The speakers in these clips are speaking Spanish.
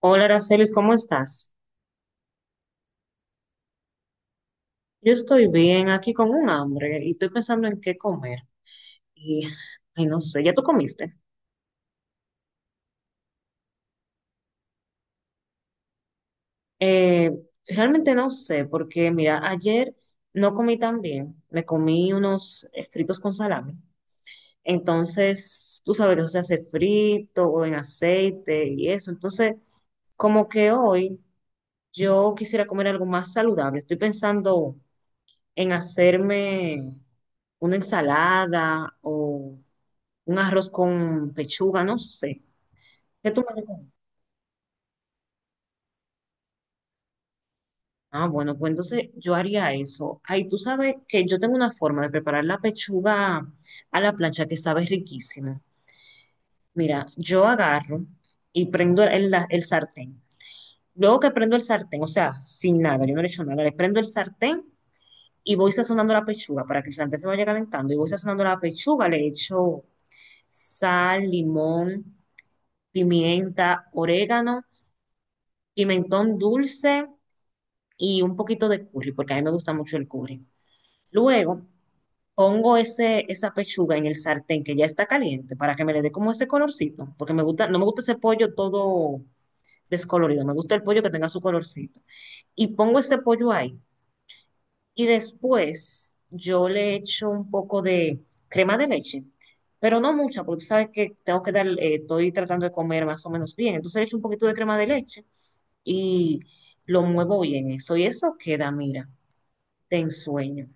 Hola, Aracelis, ¿cómo estás? Yo estoy bien, aquí con un hambre y estoy pensando en qué comer. Y, Ay, no sé, ¿ya tú comiste? Eh, Realmente no sé, porque mira, ayer no comí tan bien. Me comí unos fritos con salami. Entonces, tú sabes que eso se hace frito o en aceite y eso. Entonces, como que hoy yo quisiera comer algo más saludable. Estoy pensando en hacerme una ensalada o un arroz con pechuga, no sé. ¿Qué tú me recomiendas? Ah, bueno, pues entonces yo haría eso. Ay, tú sabes que yo tengo una forma de preparar la pechuga a la plancha que sabe riquísima. Mira, yo agarro y prendo el sartén. Luego que prendo el sartén, o sea, sin nada, yo no le echo nada, le prendo el sartén y voy sazonando la pechuga para que el sartén se vaya calentando. Y voy sazonando la pechuga, le echo sal, limón, pimienta, orégano, pimentón dulce y un poquito de curry, porque a mí me gusta mucho el curry. Luego pongo esa pechuga en el sartén que ya está caliente para que me le dé como ese colorcito, porque me gusta, no me gusta ese pollo todo descolorido, me gusta el pollo que tenga su colorcito. Y pongo ese pollo ahí y después yo le echo un poco de crema de leche. Pero no mucha, porque tú sabes que estoy tratando de comer más o menos bien. Entonces le echo un poquito de crema de leche y lo muevo bien eso. Y eso queda, mira, de ensueño.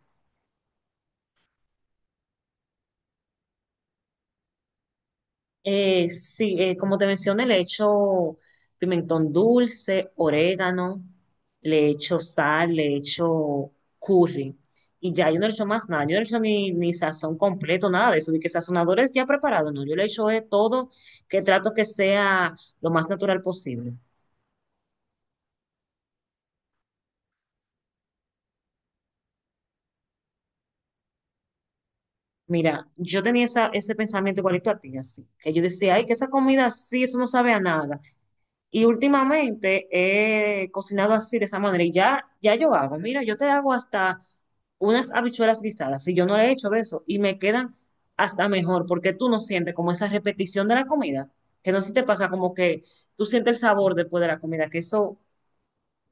Sí, como te mencioné, le echo pimentón dulce, orégano, le echo sal, le echo curry. Y ya yo no le echo más nada, yo no le echo ni sazón completo, nada de eso, de que sazonadores ya preparados, no, yo le echo de todo que trato que sea lo más natural posible. Mira, yo tenía ese pensamiento igualito a ti, así, que yo decía, ay, que esa comida sí, eso no sabe a nada. Y últimamente he cocinado así de esa manera y ya yo hago, mira, yo te hago hasta unas habichuelas guisadas, si yo no le he hecho de eso, y me quedan hasta mejor, porque tú no sientes como esa repetición de la comida, que no sé si te pasa como que tú sientes el sabor después de la comida, que eso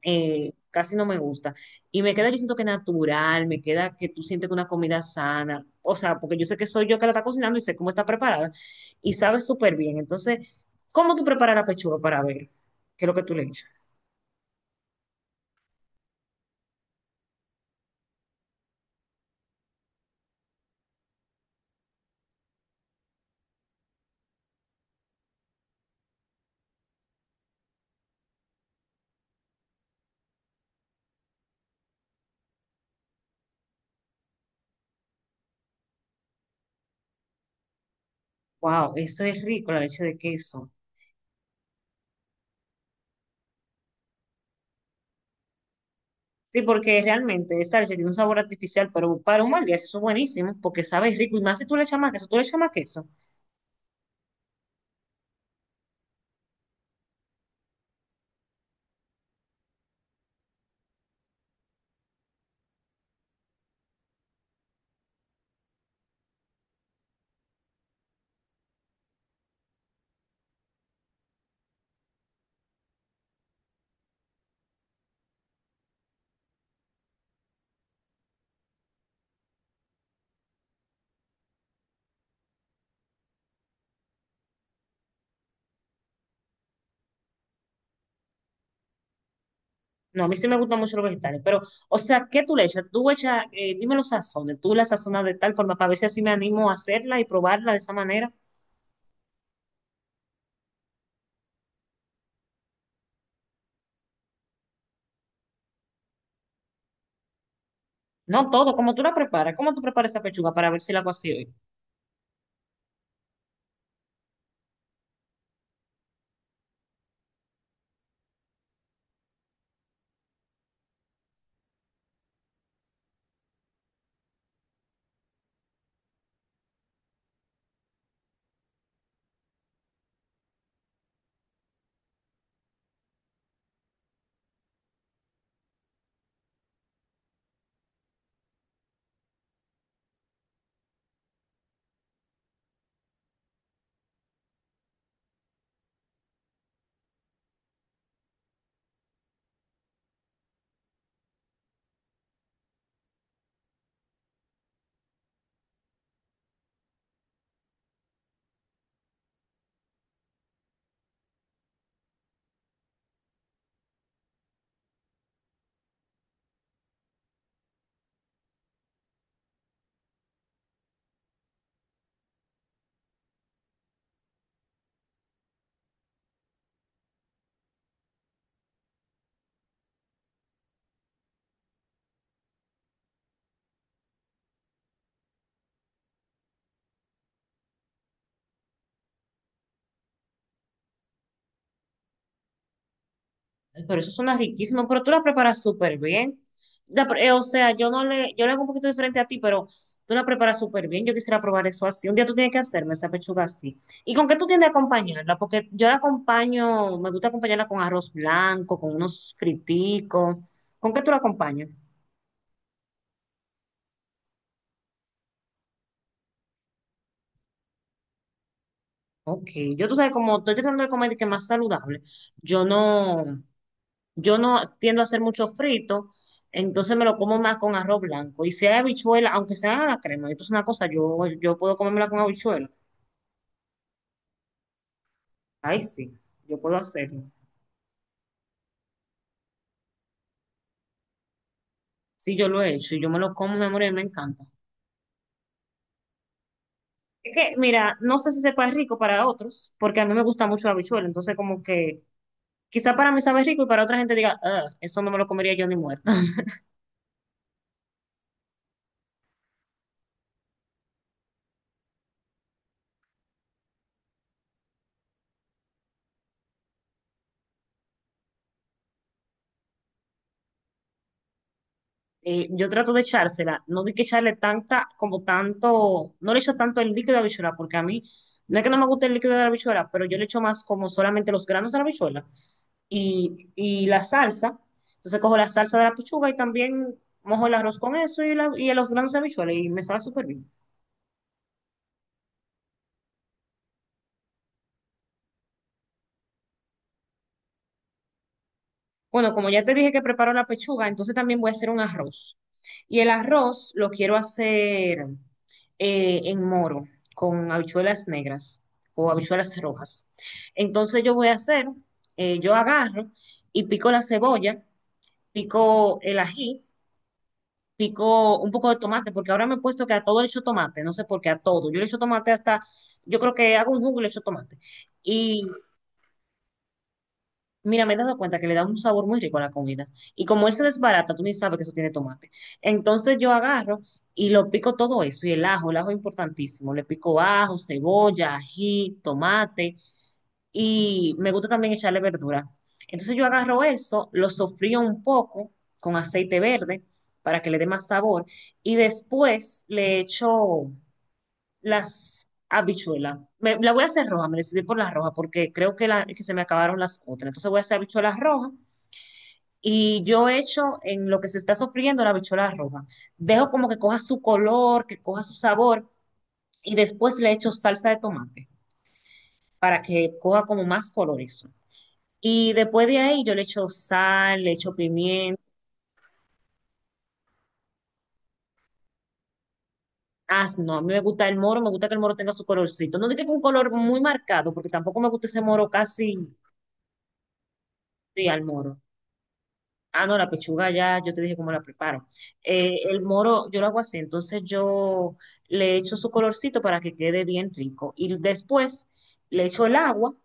casi no me gusta. Y me queda, yo siento que natural, me queda que tú sientes que una comida sana, o sea, porque yo sé que soy yo que la está cocinando y sé cómo está preparada y sabe súper bien. Entonces, ¿cómo tú preparas la pechuga para ver qué es lo que tú le echas? Wow, eso es rico, la leche de queso. Sí, porque realmente esa leche tiene un sabor artificial, pero para un mal día eso es buenísimo, porque sabe rico y más si tú le echas más queso, tú le echas más queso. No, a mí sí me gustan mucho los vegetales, pero, o sea, ¿qué tú le echas? Tú echas, dime los sazones, tú la sazonas de tal forma para ver si así me animo a hacerla y probarla de esa manera. No todo, como tú la preparas, cómo tú preparas esa pechuga para ver si la hago así hoy. Ay, pero eso suena riquísimo, pero tú la preparas súper bien. O sea, yo no le, yo le hago un poquito diferente a ti, pero tú la preparas súper bien. Yo quisiera probar eso así. Un día tú tienes que hacerme esa pechuga así. ¿Y con qué tú tiendes a acompañarla? Porque yo la acompaño, me gusta acompañarla con arroz blanco, con unos friticos. ¿Con qué tú la acompañas? Ok, yo tú sabes, como estoy tratando de comer de que más saludable, yo no. Yo no tiendo a hacer mucho frito, entonces me lo como más con arroz blanco. Y si hay habichuela, aunque sea a la crema, esto es una cosa, yo puedo comérmela con habichuela. Ay, sí, yo puedo hacerlo. Sí, yo lo he hecho y yo me lo como, mi amor, y me encanta. Es que, mira, no sé si sepa rico para otros, porque a mí me gusta mucho la habichuela, entonces como que quizá para mí sabe rico y para otra gente diga: "Ah, eso no me lo comería yo ni muerta". Yo trato de echársela, no di que echarle tanta, como tanto, no le echo tanto el líquido de habichuela, porque a mí, no es que no me guste el líquido de la habichuela, pero yo le echo más como solamente los granos de la habichuela y la salsa. Entonces cojo la salsa de la pichuga y también mojo el arroz con eso y los granos de habichuela y me sabe súper bien. Bueno, como ya te dije que preparo la pechuga, entonces también voy a hacer un arroz. Y el arroz lo quiero hacer en moro, con habichuelas negras o habichuelas rojas. Entonces yo voy a hacer, yo agarro y pico la cebolla, pico el ají, pico un poco de tomate, porque ahora me he puesto que a todo le echo tomate, no sé por qué, a todo. Yo le echo tomate hasta, yo creo que hago un jugo y le echo tomate. Mira, me he dado cuenta que le da un sabor muy rico a la comida. Y como él se desbarata, tú ni sabes que eso tiene tomate. Entonces yo agarro y lo pico todo eso. Y el ajo es importantísimo. Le pico ajo, cebolla, ají, tomate. Y me gusta también echarle verdura. Entonces yo agarro eso, lo sofrío un poco con aceite verde para que le dé más sabor. Y después le echo las habichuelas. La voy a hacer roja, me decidí por las rojas porque creo que, que se me acabaron las otras. Entonces voy a hacer habichuelas rojas y yo echo en lo que se está sofriendo la bichola roja. Dejo como que coja su color, que coja su sabor y después le echo salsa de tomate para que coja como más color eso. Y después de ahí yo le echo sal, le echo pimienta. Ah, no, a mí me gusta el moro, me gusta que el moro tenga su colorcito. No digo que un color muy marcado, porque tampoco me gusta ese moro casi, sí, al moro. Ah, no, la pechuga ya, yo te dije cómo la preparo. El moro yo lo hago así, entonces yo le echo su colorcito para que quede bien rico. Y después le echo el agua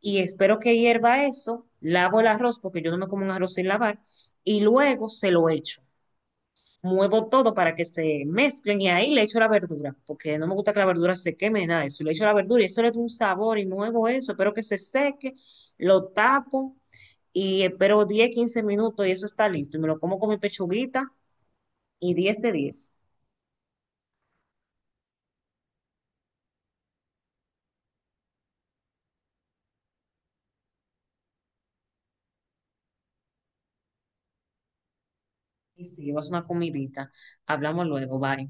y espero que hierva eso, lavo el arroz porque yo no me como un arroz sin lavar y luego se lo echo. Muevo todo para que se mezclen y ahí le echo la verdura, porque no me gusta que la verdura se queme, nada de eso. Le echo la verdura y eso le da un sabor y muevo eso, espero que se seque, lo tapo y espero 10 15 minutos y eso está listo. Y me lo como con mi pechuguita y 10 de 10. Y sí, vas una comidita. Hablamos luego, bye.